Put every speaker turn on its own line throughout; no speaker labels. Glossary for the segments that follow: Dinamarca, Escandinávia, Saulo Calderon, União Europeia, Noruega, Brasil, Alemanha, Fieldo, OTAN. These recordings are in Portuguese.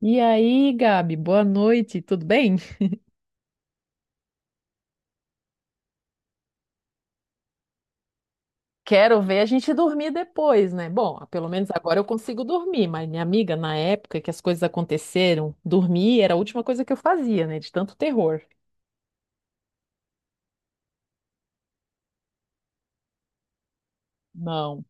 E aí, Gabi, boa noite, tudo bem? Quero ver a gente dormir depois, né? Bom, pelo menos agora eu consigo dormir, mas minha amiga, na época que as coisas aconteceram, dormir era a última coisa que eu fazia, né? De tanto terror. Não.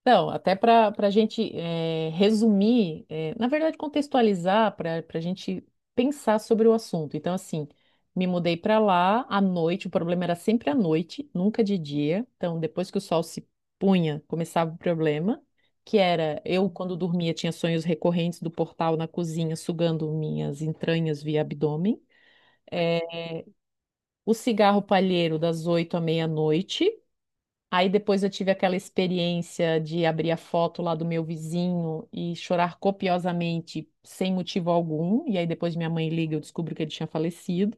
Então, até para a gente resumir, na verdade, contextualizar, para a gente pensar sobre o assunto. Então, assim, me mudei para lá à noite, o problema era sempre à noite, nunca de dia. Então, depois que o sol se punha, começava o problema, que era eu, quando dormia, tinha sonhos recorrentes do portal na cozinha, sugando minhas entranhas via abdômen. Eh, o cigarro palheiro das oito à meia-noite. Aí depois eu tive aquela experiência de abrir a foto lá do meu vizinho e chorar copiosamente, sem motivo algum. E aí depois minha mãe liga, eu descubro que ele tinha falecido.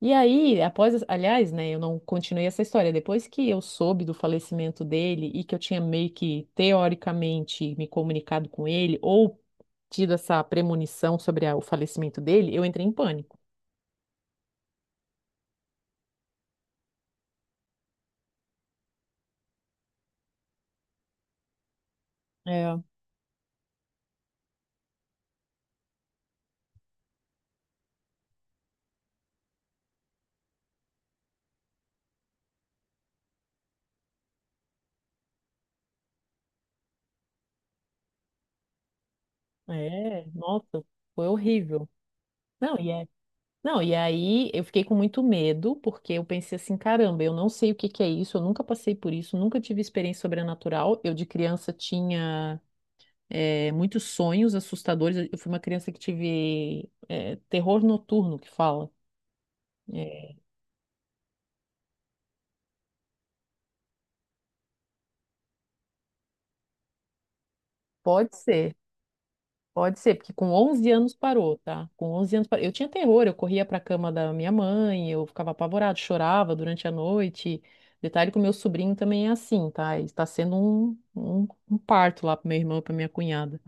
E aí, após, aliás, né, eu não continuei essa história. Depois que eu soube do falecimento dele e que eu tinha meio que teoricamente me comunicado com ele ou tido essa premonição sobre o falecimento dele, eu entrei em pânico. É, é, nossa, foi horrível. Não, e é Não, e aí eu fiquei com muito medo, porque eu pensei assim, caramba, eu não sei o que que é isso, eu nunca passei por isso, nunca tive experiência sobrenatural. Eu de criança tinha muitos sonhos assustadores. Eu fui uma criança que tive terror noturno, que fala. Eh, pode ser. Pode ser, porque com onze anos parou, tá? Com 11 anos parou. Eu tinha terror, eu corria para a cama da minha mãe, eu ficava apavorado, chorava durante a noite. Detalhe que o meu sobrinho também é assim, tá? Está sendo um parto lá pro meu irmão e pra minha cunhada.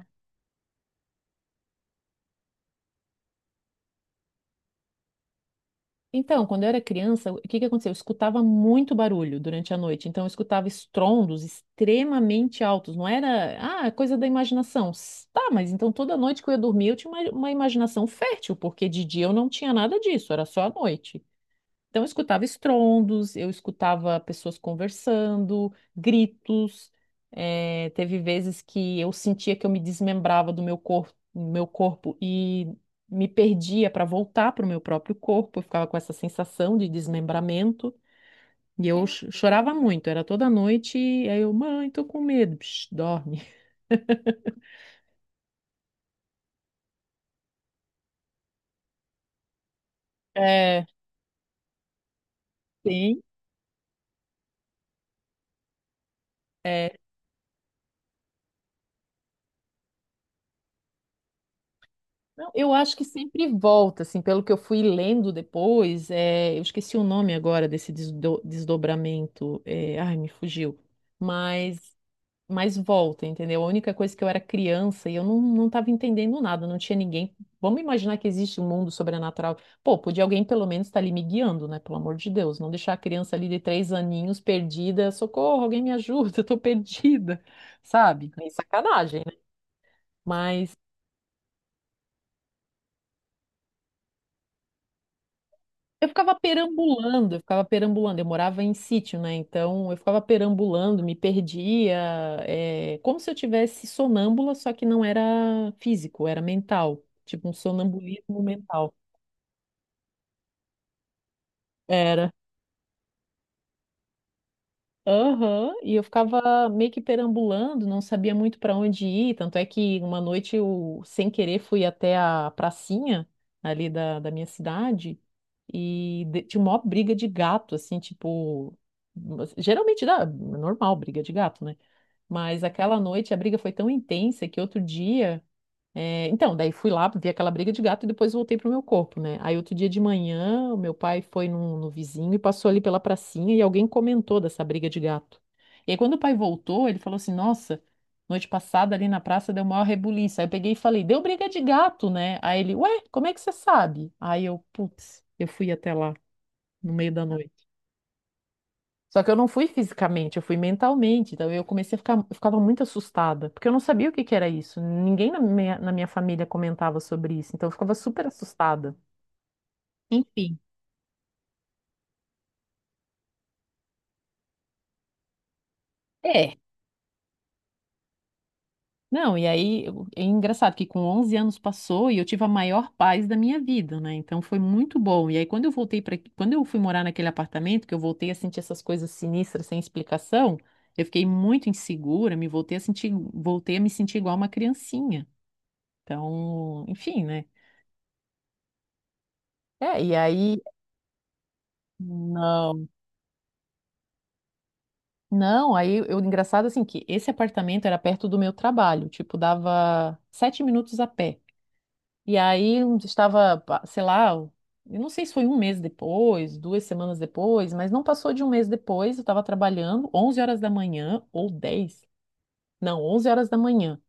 Então, quando eu era criança, o que que aconteceu? Eu escutava muito barulho durante a noite, então eu escutava estrondos extremamente altos, não era, ah, é coisa da imaginação. Tá, mas então toda noite que eu ia dormir, eu tinha uma imaginação fértil, porque de dia eu não tinha nada disso, era só a noite. Então, eu escutava estrondos, eu escutava pessoas conversando, gritos. Teve vezes que eu sentia que eu me desmembrava do meu corpo, e me perdia para voltar para o meu próprio corpo. Eu ficava com essa sensação de desmembramento. E eu chorava muito, era toda noite. E aí eu, mãe, tô com medo, Psh, dorme. É, sim. Não, eu acho que sempre volta, assim, pelo que eu fui lendo depois, é, eu esqueci o nome agora desse desdobramento, é, ai, me fugiu, mas, mas volta, entendeu? A única coisa que eu era criança e eu não, não estava entendendo nada, não tinha ninguém. Vamos imaginar que existe um mundo sobrenatural. Pô, podia alguém pelo menos estar ali me guiando, né? Pelo amor de Deus, não deixar a criança ali de três aninhos perdida, socorro, alguém me ajuda, eu tô perdida, sabe? É sacanagem, né? Mas eu ficava perambulando, eu ficava perambulando. Eu morava em sítio, né? Então eu ficava perambulando, me perdia, é, como se eu tivesse sonâmbula, só que não era físico, era mental, tipo um sonambulismo mental. Era. Aham, e eu ficava meio que perambulando, não sabia muito para onde ir. Tanto é que uma noite eu, sem querer, fui até a pracinha ali da minha cidade e tinha uma briga de gato, assim, tipo. Geralmente dá, é normal briga de gato, né? Mas aquela noite a briga foi tão intensa que outro dia. É, então, daí fui lá, vi aquela briga de gato e depois voltei pro meu corpo, né? Aí outro dia de manhã, o meu pai foi no vizinho e passou ali pela pracinha e alguém comentou dessa briga de gato. E aí quando o pai voltou, ele falou assim, nossa, noite passada ali na praça deu maior rebuliço. Aí eu peguei e falei, deu briga de gato, né? Aí ele, ué, como é que você sabe? Aí eu, putz, eu fui até lá no meio da noite. Só que eu não fui fisicamente, eu fui mentalmente. Então eu comecei a ficar, eu ficava muito assustada, porque eu não sabia o que que era isso. Ninguém na na minha família comentava sobre isso, então eu ficava super assustada. Enfim. É. Não, é engraçado que com 11 anos passou e eu tive a maior paz da minha vida, né? Então foi muito bom. E aí quando eu voltei quando eu fui morar naquele apartamento, que eu voltei a sentir essas coisas sinistras sem explicação, eu fiquei muito insegura, me voltei a sentir, voltei a me sentir igual uma criancinha. Então, enfim, né? É, e aí, não, não, aí eu, engraçado assim, que esse apartamento era perto do meu trabalho, tipo, dava sete minutos a pé. E aí eu estava, sei lá, eu não sei se foi um mês depois, duas semanas depois, mas não passou de um mês depois, eu estava trabalhando 11 horas da manhã, ou 10 não, 11 horas da manhã.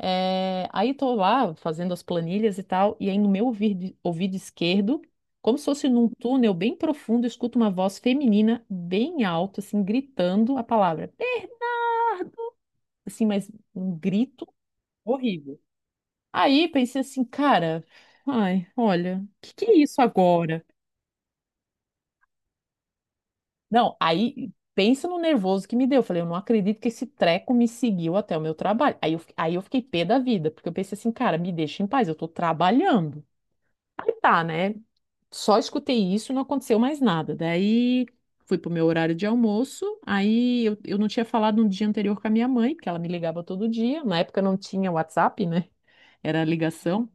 É, aí tô lá fazendo as planilhas e tal, e aí no meu ouvido, ouvido esquerdo, como se fosse num túnel bem profundo, eu escuto uma voz feminina bem alto, assim, gritando a palavra. Assim, mas um grito horrível. Aí pensei assim, cara, ai, olha, o que que é isso agora? Não, aí pensa no nervoso que me deu. Eu falei, eu não acredito que esse treco me seguiu até o meu trabalho. Aí eu fiquei pé da vida, porque eu pensei assim, cara, me deixa em paz, eu tô trabalhando. Aí tá, né? Só escutei isso, não aconteceu mais nada. Daí fui pro meu horário de almoço. Aí eu não tinha falado no dia anterior com a minha mãe, porque ela me ligava todo dia. Na época não tinha WhatsApp, né? Era ligação.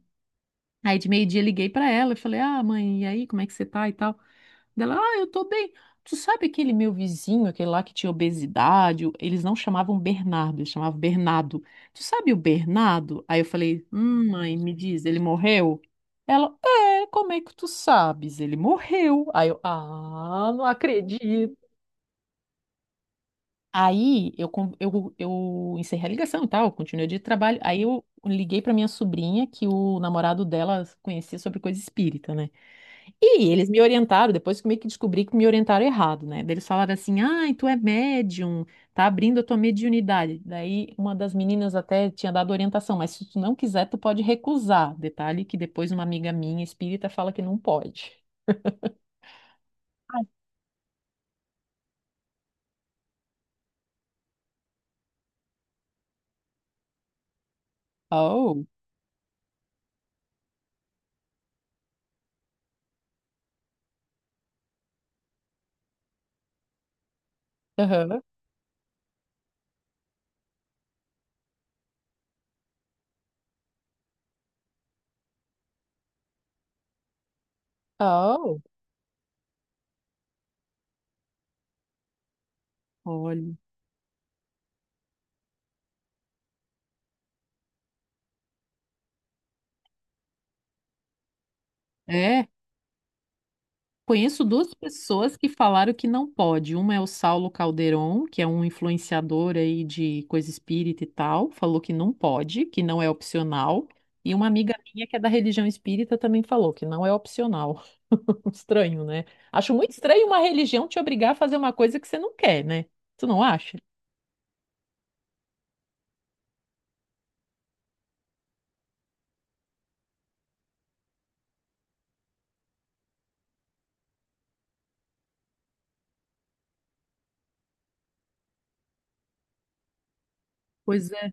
Aí de meio-dia liguei pra ela e falei: Ah, mãe, e aí, como é que você tá e tal? Dela, ah, eu tô bem. Tu sabe aquele meu vizinho, aquele lá que tinha obesidade? Eles não chamavam Bernardo, eles chamavam Bernardo. Tu sabe o Bernardo? Aí eu falei, mãe, me diz, ele morreu? Ela, é, como é que tu sabes? Ele morreu. Aí eu, ah, não acredito. Aí eu encerrei a ligação e tal, continuei o dia de trabalho. Aí eu liguei pra minha sobrinha, que o namorado dela conhecia sobre coisa espírita, né? E eles me orientaram, depois que eu meio que descobri que me orientaram errado, né? Daí eles falaram assim: ai, tu é médium, tá abrindo a tua mediunidade. Daí uma das meninas até tinha dado orientação, mas se tu não quiser, tu pode recusar. Detalhe que depois uma amiga minha espírita fala que não pode. Oh, aham, oh, olha. É. Conheço duas pessoas que falaram que não pode. Uma é o Saulo Calderon, que é um influenciador aí de coisa espírita e tal, falou que não pode, que não é opcional. E uma amiga minha que é da religião espírita também falou que não é opcional. Estranho, né? Acho muito estranho uma religião te obrigar a fazer uma coisa que você não quer, né? Tu não acha? Pois é.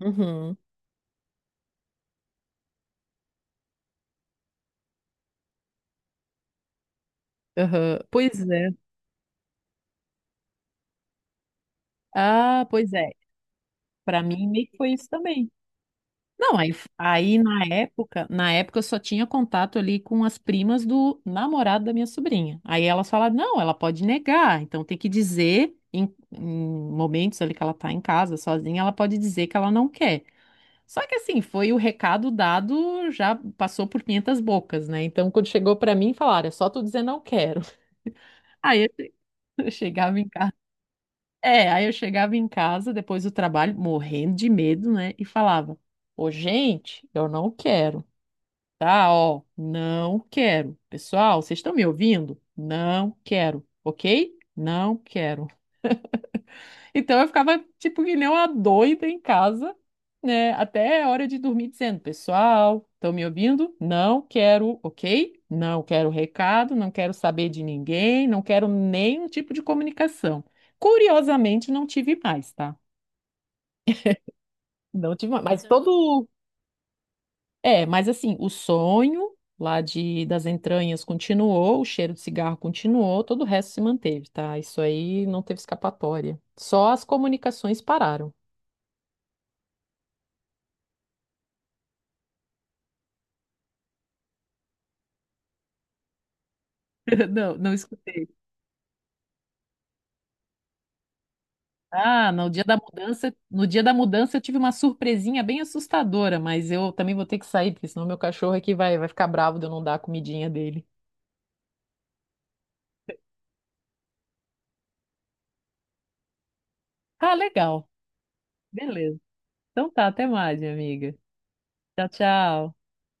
Uhum. Aham. Pois é. Ah, pois é. Pra mim, meio que foi isso também. Não, aí, na época eu só tinha contato ali com as primas do namorado da minha sobrinha. Aí elas falaram, não, ela pode negar, então tem que dizer em momentos ali que ela tá em casa sozinha, ela pode dizer que ela não quer. Só que assim, foi o recado dado, já passou por 500 bocas, né? Então quando chegou pra mim, falaram, é só tu dizer não quero. Aí eu eu chegava em casa. É, aí eu chegava em casa depois do trabalho, morrendo de medo, né? E falava, ô gente, eu não quero. Tá, ó, não quero. Pessoal, vocês estão me ouvindo? Não quero, ok? Não quero. Então eu ficava tipo que nem uma doida em casa, né? Até a hora de dormir dizendo, pessoal, estão me ouvindo? Não quero, ok? Não quero recado, não quero saber de ninguém, não quero nenhum tipo de comunicação. Curiosamente, não tive mais, tá? Não tive mais. É, mas assim, o sonho lá das entranhas continuou, o cheiro de cigarro continuou, todo o resto se manteve, tá? Isso aí não teve escapatória. Só as comunicações pararam. Não, não escutei. Ah, no dia da mudança, no dia da mudança eu tive uma surpresinha bem assustadora, mas eu também vou ter que sair, porque senão meu cachorro aqui vai ficar bravo de eu não dar a comidinha dele. Ah, legal. Beleza. Então tá, até mais, minha amiga. Tchau, tchau.